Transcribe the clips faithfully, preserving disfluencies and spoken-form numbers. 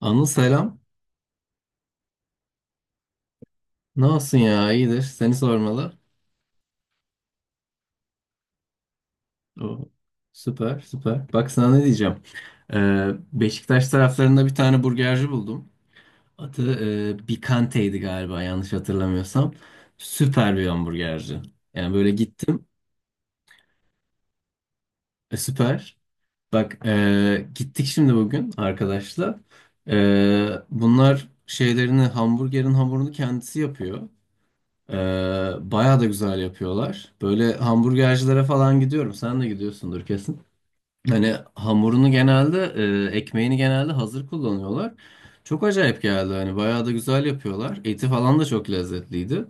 Anıl selam. Ne olsun ya iyidir. Seni sormalı. O, süper süper. Bak sana ne diyeceğim. Ee, Beşiktaş taraflarında bir tane burgerci buldum. Adı e, Bikante'ydi galiba yanlış hatırlamıyorsam. Süper bir hamburgerci. Yani böyle gittim. E, süper. Bak e, gittik şimdi bugün arkadaşla. E, bunlar şeylerini hamburgerin hamurunu kendisi yapıyor. Ee, Bayağı da güzel yapıyorlar. Böyle hamburgercilere falan gidiyorum. Sen de gidiyorsundur kesin. Hani hamurunu genelde, e, ekmeğini genelde hazır kullanıyorlar. Çok acayip geldi hani bayağı da güzel yapıyorlar. Eti falan da çok lezzetliydi.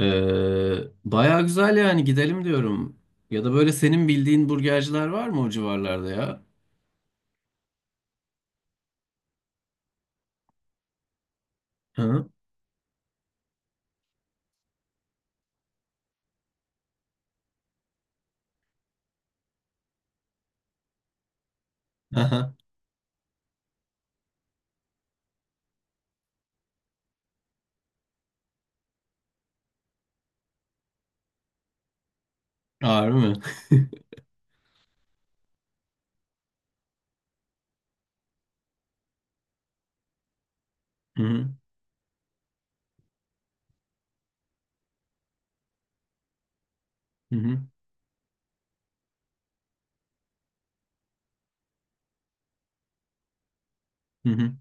Ee, Bayağı güzel yani gidelim diyorum. Ya da böyle senin bildiğin burgerciler var mı o civarlarda ya? Hı? Aha. Ağır mı? Hı hı. Hı hı. Hı hı.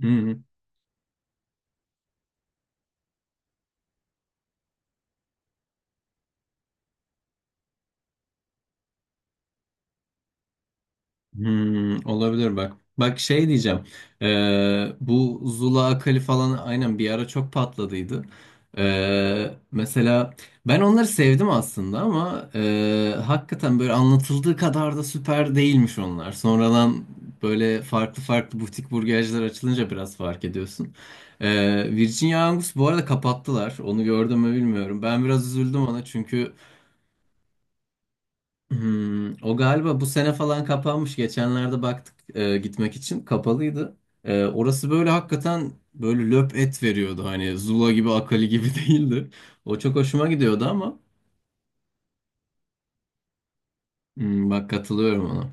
Hı hı. Hmm, olabilir bak. Bak şey diyeceğim. Ee, bu Zula Akali falan aynen bir ara çok patladıydı. Ee, mesela ben onları sevdim aslında ama e, hakikaten böyle anlatıldığı kadar da süper değilmiş onlar. Sonradan böyle farklı farklı butik burgerciler açılınca biraz fark ediyorsun. Ee, Virginia Angus bu arada kapattılar. Onu gördüm mü bilmiyorum. Ben biraz üzüldüm ona çünkü hmm, o galiba bu sene falan kapanmış. Geçenlerde baktık e, gitmek için kapalıydı. E, orası böyle hakikaten böyle löp et veriyordu. Hani Zula gibi Akali gibi değildi. O çok hoşuma gidiyordu ama hmm, bak katılıyorum ona.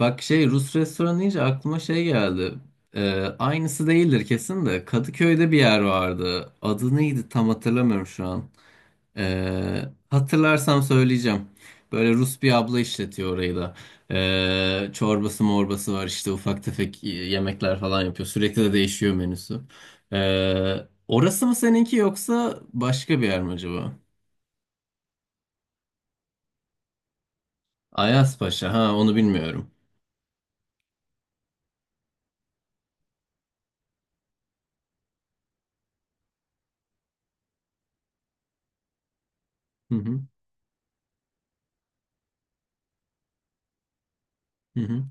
Bak şey Rus restoranı deyince aklıma şey geldi. E, Aynısı değildir kesin de Kadıköy'de bir yer vardı. Adı neydi tam hatırlamıyorum şu an. Ee, Hatırlarsam söyleyeceğim. Böyle Rus bir abla işletiyor orayı da. Ee, çorbası morbası var işte ufak tefek yemekler falan yapıyor. Sürekli de değişiyor menüsü. Ee, Orası mı seninki yoksa başka bir yer mi acaba? Ayazpaşa ha onu bilmiyorum. Hı hı, hı hı,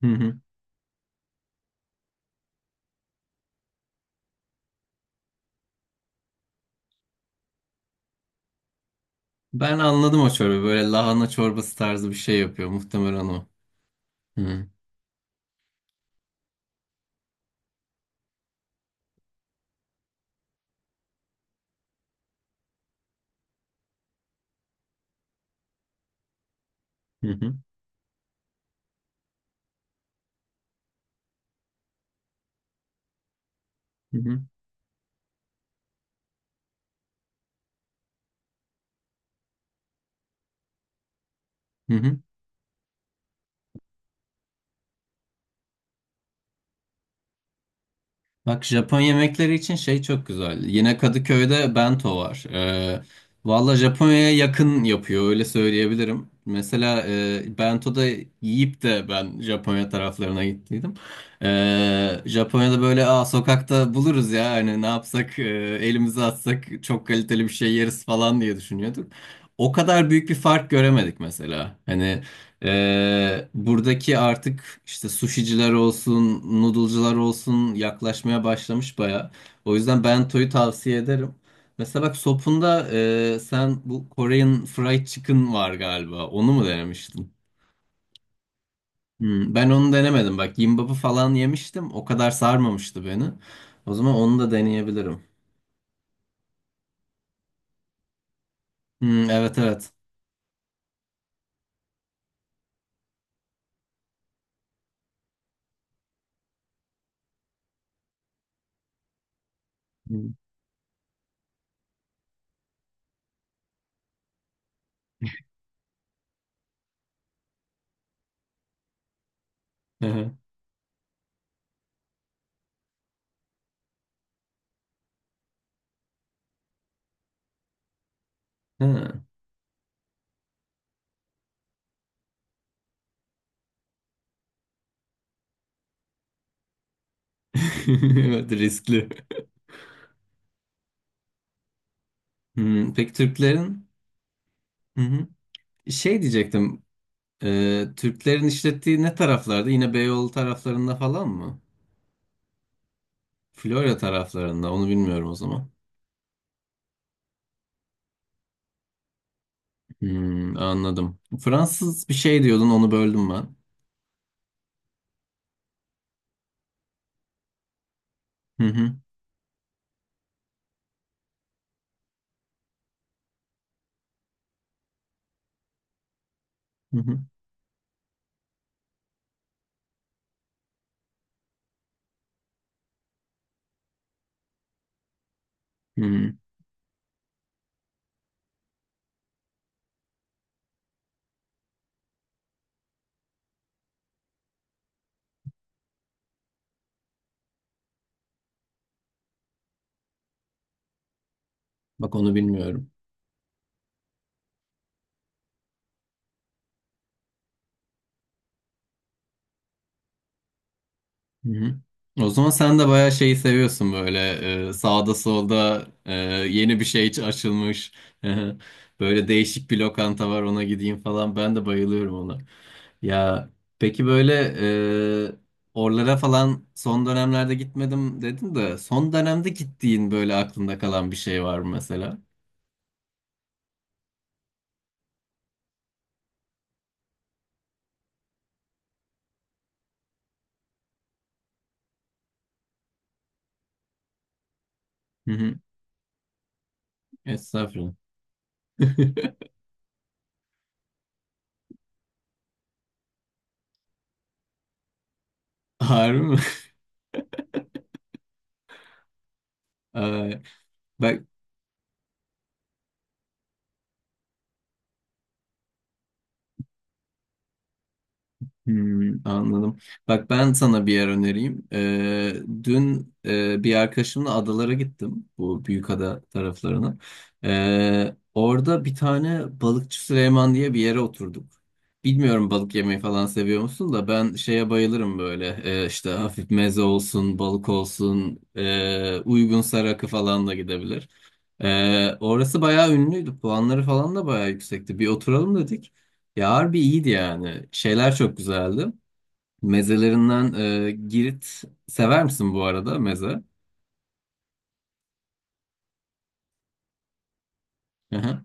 hı hı. Ben anladım o çorbayı. Böyle lahana çorbası tarzı bir şey yapıyor. Muhtemelen o. Hı hı, hı hı, hı hı, hı hı. Bak Japon yemekleri için şey çok güzel. Yine Kadıköy'de bento var. Ee, valla Japonya'ya yakın yapıyor öyle söyleyebilirim. Mesela e, bento'da yiyip de ben Japonya taraflarına gittiydim. Ee, Japonya'da böyle aa, sokakta buluruz ya hani ne yapsak e, elimizi atsak çok kaliteli bir şey yeriz falan diye düşünüyorduk. O kadar büyük bir fark göremedik mesela. Hani ee, buradaki artık işte sushiciler olsun, noodle'cılar olsun yaklaşmaya başlamış baya. O yüzden bento'yu tavsiye ederim. Mesela bak sopunda e, sen bu Korean fried chicken var galiba. Onu mu denemiştin? Hmm, ben onu denemedim. Bak gimbap'ı falan yemiştim. O kadar sarmamıştı beni. O zaman onu da deneyebilirim. Hmm, evet evet. Hmm. Hı hı. Hı. Evet riskli. Hmm, peki Türklerin? Hı hı. Şey diyecektim. Ee, Türklerin işlettiği ne taraflarda? Yine Beyoğlu taraflarında falan mı? Florya taraflarında. Onu bilmiyorum o zaman. Hmm, anladım. Fransız bir şey diyordun, onu böldüm ben. Hı hı, hı hı, hı. Hı. Bak onu bilmiyorum. Hı hı. O zaman sen de bayağı şeyi seviyorsun böyle e, sağda solda e, yeni bir şey açılmış. Böyle değişik bir lokanta var ona gideyim falan. Ben de bayılıyorum ona. Ya peki böyle e, oralara falan son dönemlerde gitmedim dedin de son dönemde gittiğin böyle aklında kalan bir şey var mı mesela? Hı hı. Estağfurullah. Harbi mi? Ay, bak hmm, anladım. Bak ben sana bir yer önereyim. Ee, dün e, bir arkadaşımla adalara gittim. Bu Büyükada taraflarına. Ee, orada bir tane Balıkçı Süleyman diye bir yere oturduk. Bilmiyorum balık yemeyi falan seviyor musun da ben şeye bayılırım böyle. Ee, işte hafif meze olsun, balık olsun, e, uygunsa rakı falan da gidebilir. Ee, orası bayağı ünlüydü. Puanları falan da bayağı yüksekti. Bir oturalım dedik. Ya harbi iyiydi yani. Şeyler çok güzeldi. Mezelerinden e, Girit sever misin bu arada meze? Hı hı.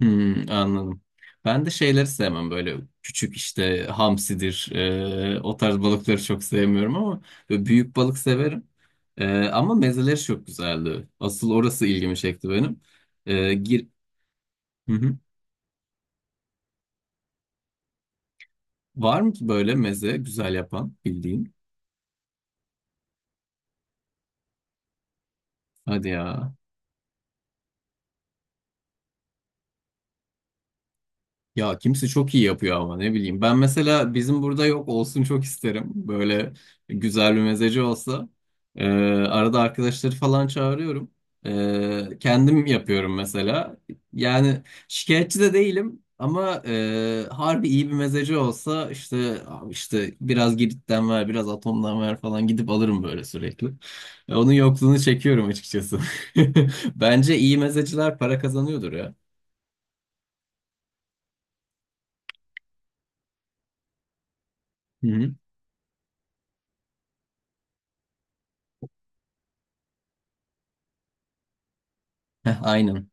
Hmm, anladım. Ben de şeyleri sevmem böyle küçük işte hamsidir e, o tarz balıkları çok sevmiyorum ama böyle büyük balık severim. E, ama mezeleri çok güzeldi. Asıl orası ilgimi çekti benim. E, gir... Hı hı. Var mı ki böyle meze güzel yapan bildiğin? Hadi ya. Ya kimse çok iyi yapıyor ama ne bileyim. Ben mesela bizim burada yok olsun çok isterim. Böyle güzel bir mezeci olsa. Ee, Arada arkadaşları falan çağırıyorum. Ee, kendim yapıyorum mesela. Yani şikayetçi de değilim ama e, harbi iyi bir mezeci olsa işte abi işte biraz Girit'ten ver, biraz Atom'dan ver falan gidip alırım böyle sürekli. E, Onun yokluğunu çekiyorum açıkçası. Bence iyi mezeciler para kazanıyordur ya. Hı hı. Heh, aynen.